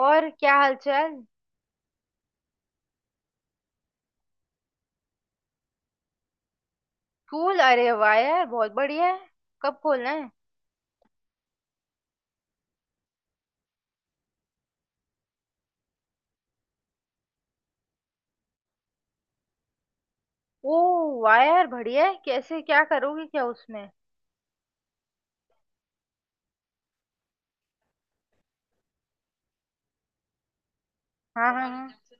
और क्या हालचाल। स्कूल। अरे वाह यार बहुत बढ़िया है। कब खोलना है। ओ वाह यार बढ़िया है। कैसे क्या करोगे क्या उसमें। हाँ हाँ हाँ।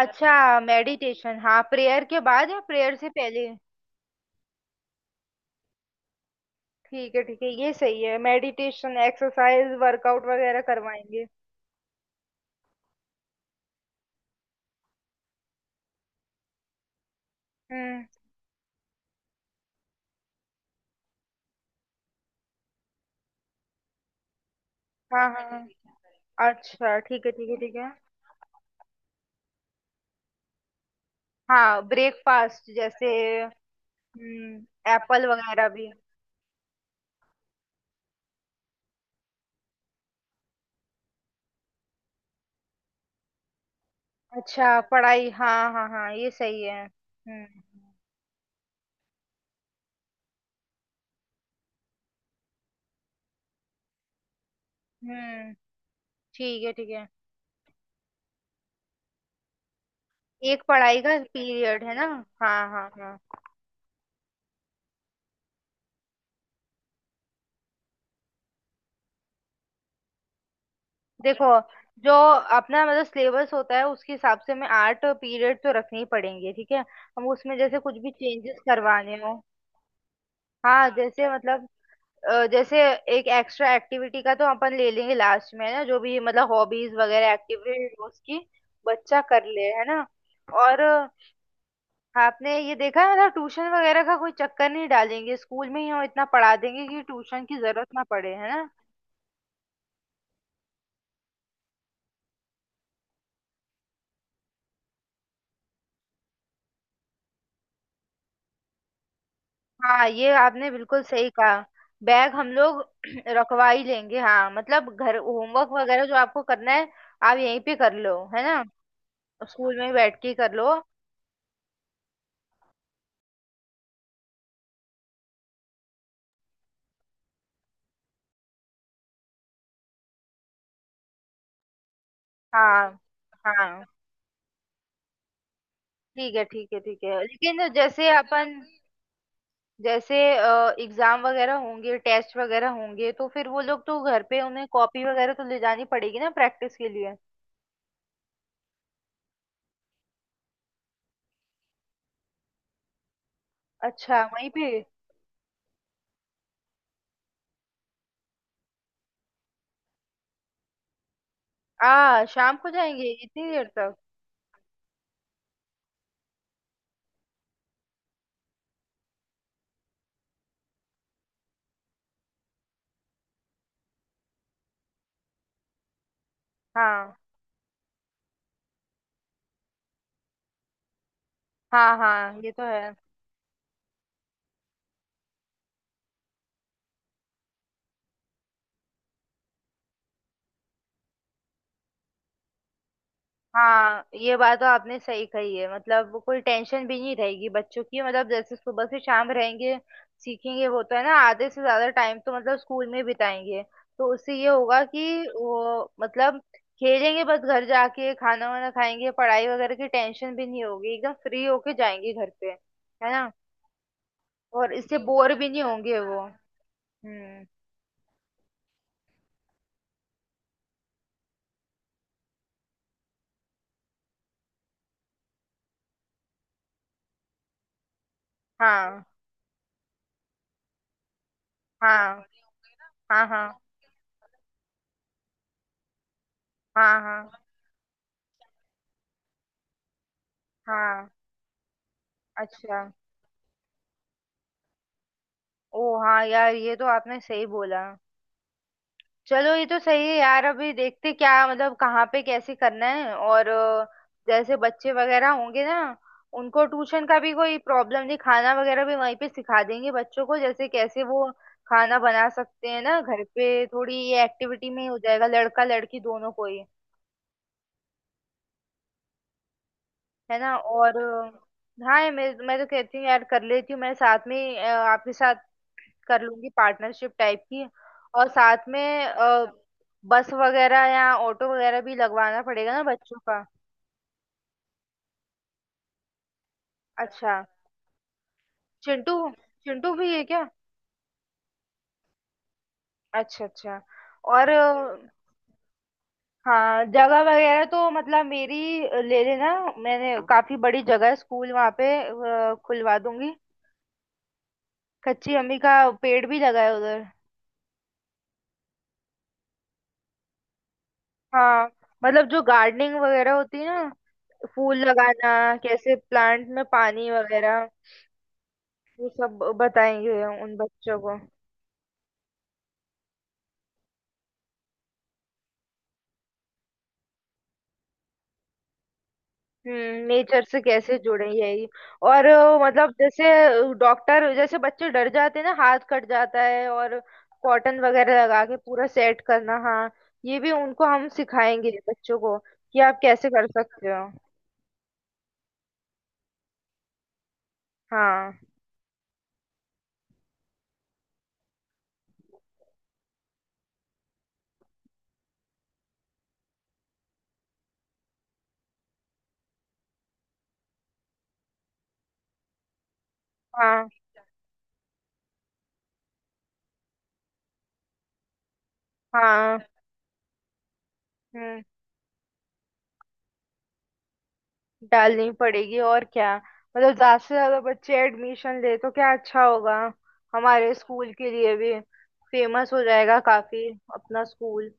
अच्छा मेडिटेशन। हाँ प्रेयर के बाद या प्रेयर से पहले। ठीक है ये सही है। मेडिटेशन एक्सरसाइज वर्कआउट वगैरह करवाएंगे। हम्म। हाँ हाँ हाँ। अच्छा ठीक है ठीक है ठीक है। हाँ ब्रेकफास्ट जैसे। एप्पल वगैरह भी। अच्छा पढ़ाई हाँ हाँ हाँ ये सही है। हम्म। ठीक है ठीक है। एक पढ़ाई का पीरियड है ना। हाँ हाँ हाँ। देखो जो अपना मतलब सिलेबस होता है उसके हिसाब से हमें 8 पीरियड तो रखने ही पड़ेंगे। ठीक है हम उसमें जैसे कुछ भी चेंजेस करवाने हो। हाँ जैसे मतलब जैसे एक एक्स्ट्रा एक्टिविटी का तो अपन ले लेंगे लास्ट में है ना जो भी मतलब हॉबीज वगैरह एक्टिविटी उसकी बच्चा कर ले है ना। और आपने ये देखा है मतलब ट्यूशन वगैरह का कोई चक्कर नहीं डालेंगे स्कूल में ही हम इतना पढ़ा देंगे कि ट्यूशन की जरूरत ना पड़े है ना। हाँ ये आपने बिल्कुल सही कहा। बैग हम लोग रखवा ही लेंगे। हाँ मतलब घर होमवर्क वगैरह जो आपको करना है आप यहीं पे कर लो है ना। स्कूल में ही बैठ के ही कर लो। हाँ हाँ। ठीक है ठीक है ठीक है लेकिन जैसे अपन जैसे एग्जाम वगैरह होंगे टेस्ट वगैरह होंगे तो फिर वो लोग तो घर पे उन्हें कॉपी वगैरह तो ले जानी पड़ेगी ना प्रैक्टिस के लिए। अच्छा वहीं पे। आ शाम को जाएंगे इतनी देर तक। हाँ हाँ हाँ ये तो है। हाँ ये बात तो आपने सही कही है मतलब वो कोई टेंशन भी नहीं रहेगी बच्चों की मतलब जैसे सुबह से शाम रहेंगे सीखेंगे वो तो है ना आधे से ज्यादा टाइम तो मतलब स्कूल में बिताएंगे तो उससे ये होगा कि वो मतलब खेलेंगे बस घर जाके खाना वाना खाएंगे पढ़ाई वगैरह की टेंशन भी नहीं होगी एकदम फ्री होके जाएंगे घर पे है ना। और इससे बोर भी नहीं होंगे वो। हम्म। हाँ हाँ हाँ हाँ हाँ हाँ हाँ। अच्छा। ओ हाँ यार ये तो आपने सही बोला। चलो ये तो सही है यार अभी देखते क्या मतलब कहाँ पे कैसे करना है और जैसे बच्चे वगैरह होंगे ना उनको ट्यूशन का भी कोई प्रॉब्लम नहीं खाना वगैरह भी वहीं पे सिखा देंगे बच्चों को जैसे कैसे वो खाना बना सकते हैं ना घर पे थोड़ी ये एक्टिविटी में ही हो जाएगा लड़का लड़की दोनों को ही है ना। और हाँ मैं तो कहती हूँ यार कर लेती हूँ मैं साथ में आपके साथ कर लूंगी पार्टनरशिप टाइप की। और साथ में अ, बस वगैरह या ऑटो वगैरह भी लगवाना पड़ेगा ना बच्चों का। अच्छा चिंटू। चिंटू भी है क्या। अच्छा अच्छा। और हाँ जगह वगैरह तो मतलब मेरी ले लेना मैंने काफी बड़ी जगह है स्कूल वहाँ पे खुलवा दूंगी। कच्ची अम्मी का पेड़ भी लगा है उधर। हाँ मतलब जो गार्डनिंग वगैरह होती है ना फूल लगाना कैसे प्लांट में पानी वगैरह वो सब बताएंगे उन बच्चों को। नेचर से कैसे जुड़े यही। और मतलब जैसे डॉक्टर जैसे बच्चे डर जाते हैं ना हाथ कट जाता है और कॉटन वगैरह लगा के पूरा सेट करना हाँ। ये भी उनको हम सिखाएंगे बच्चों को कि आप कैसे कर सकते हो। हाँ हाँ हाँ। हम्म। डालनी पड़ेगी और क्या मतलब ज्यादा से ज्यादा बच्चे एडमिशन ले तो क्या अच्छा होगा हमारे स्कूल के लिए भी। फेमस हो जाएगा काफी अपना स्कूल।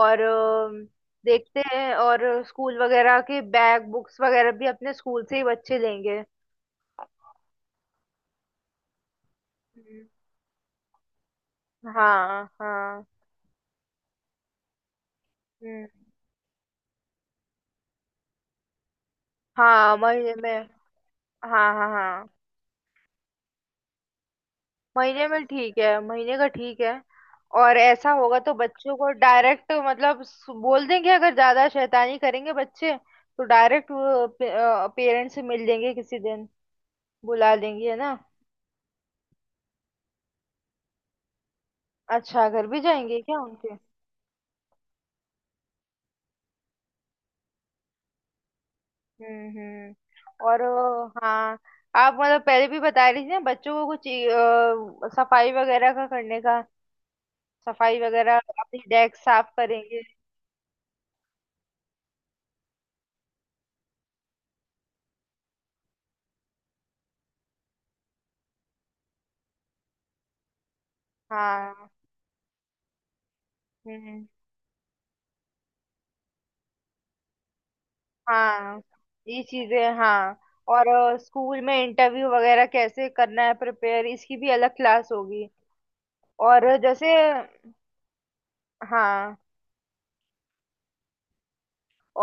और देखते हैं और स्कूल वगैरह के बैग बुक्स वगैरह भी अपने स्कूल से ही बच्चे लेंगे। हम्म। हाँ हाँ। हम्म। हाँ महीने में हाँ हाँ हाँ। महीने में ठीक है महीने का ठीक है। और ऐसा होगा तो बच्चों को डायरेक्ट मतलब बोल देंगे अगर ज्यादा शैतानी करेंगे बच्चे तो डायरेक्ट पेरेंट्स से मिल लेंगे किसी दिन बुला लेंगे है ना। अच्छा घर भी जाएंगे क्या उनके। और हाँ आप मतलब पहले भी बता रही थी ना बच्चों को कुछ सफाई वगैरह का करने का। सफाई वगैरह अपनी डेस्क साफ करेंगे। हाँ। हम्म। हाँ ये चीजें हाँ। और स्कूल में इंटरव्यू वगैरह कैसे करना है प्रिपेयर इसकी भी अलग क्लास होगी। और जैसे हाँ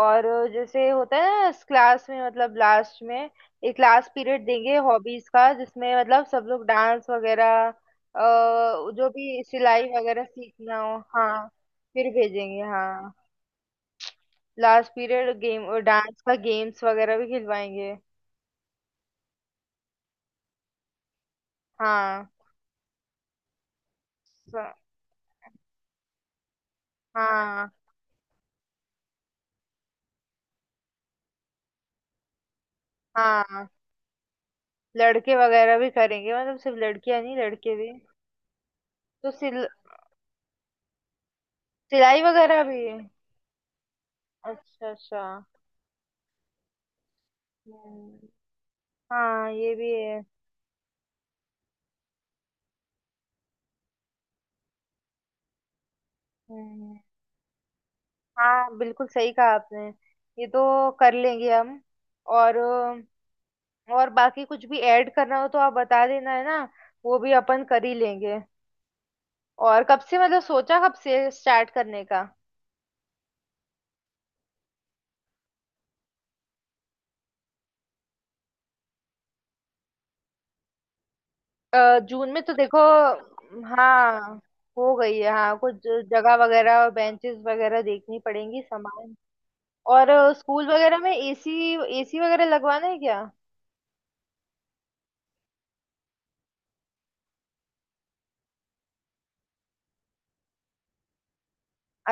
और जैसे होता है ना इस क्लास में मतलब लास्ट में एक क्लास पीरियड देंगे हॉबीज का जिसमें मतलब सब लोग डांस वगैरह जो भी सिलाई वगैरह सीखना हो हाँ। फिर भेजेंगे हाँ। लास्ट पीरियड गेम डांस का गेम्स वगैरह भी खिलवाएंगे। हाँ स- हाँ हाँ। लड़के वगैरह भी करेंगे मतलब सिर्फ लड़कियां नहीं लड़के भी। तो सिलाई वगैरह भी। अच्छा अच्छा। हम्म। हाँ ये भी है। हम्म। हाँ बिल्कुल सही कहा आपने। ये तो कर लेंगे हम। और और बाकी कुछ भी ऐड करना हो तो आप बता देना है ना वो भी अपन कर ही लेंगे। और कब से मतलब सोचा कब से स्टार्ट करने का। जून में तो देखो। हाँ हो गई है हाँ कुछ जगह वगैरह और बेंचेस वगैरह देखनी पड़ेंगी सामान। और स्कूल वगैरह में एसी एसी वगैरह लगवाना है क्या।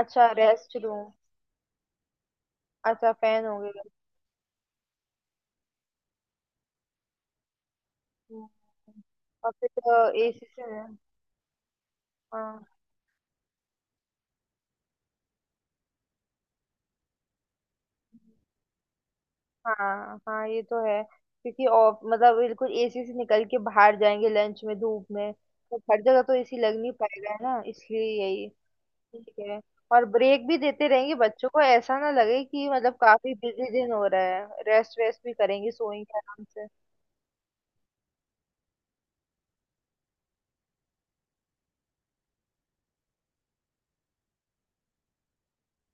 अच्छा रेस्ट रूम। अच्छा फैन हो गया। हम्म। और फिर एसी से है। हाँ हाँ हाँ ये तो है क्योंकि ऑफ मतलब बिल्कुल एसी से निकल के बाहर जाएंगे लंच में धूप में तो हर जगह तो एसी लग नहीं पाएगा है ना इसलिए यही। ठीक है। और ब्रेक भी देते रहेंगे बच्चों को ऐसा ना लगे कि मतलब काफी बिजी दिन हो रहा है रेस्ट वेस्ट भी करेंगे सोएंगे आराम से।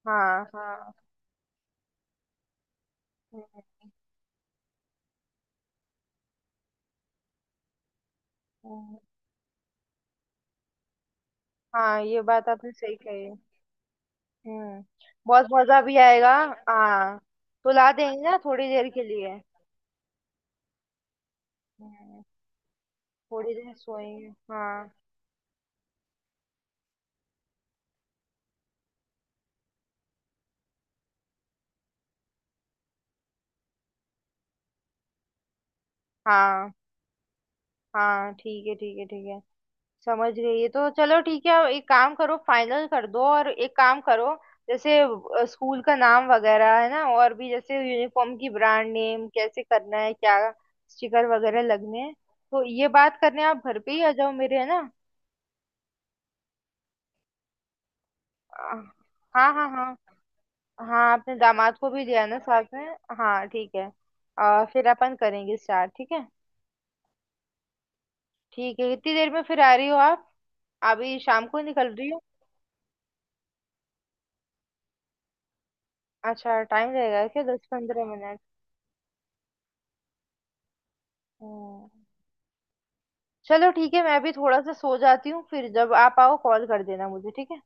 हाँ हाँ। हम्म। हम्म। हाँ ये बात आपने सही कही। हम्म। बहुत मजा भी आएगा। हाँ सुला देंगे ना थोड़ी देर के लिए। हम्म। थोड़ी देर सोएंगे हाँ। हाँ हाँ। ठीक है ठीक है ठीक है समझ गई है तो चलो ठीक है। एक काम करो फाइनल कर दो और एक काम करो जैसे स्कूल का नाम वगैरह है ना और भी जैसे यूनिफॉर्म की ब्रांड नेम कैसे करना है क्या स्टिकर वगैरह लगने हैं तो ये बात करने आप घर पे ही आ जाओ मेरे है ना। अ, हाँ हाँ हाँ। हाँ आपने दामाद को भी दिया ना साथ में। हाँ ठीक है। फिर अपन करेंगे स्टार्ट ठीक है। ठीक है कितनी देर में फिर आ रही हो आप अभी शाम को निकल रही हो। अच्छा टाइम लगेगा क्या 10-15 मिनट। हम्म। चलो ठीक है मैं भी थोड़ा सा सो जाती हूँ फिर जब आप आओ कॉल कर देना मुझे ठीक है।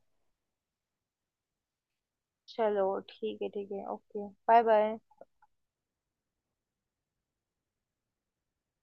चलो ठीक है ओके बाय बाय।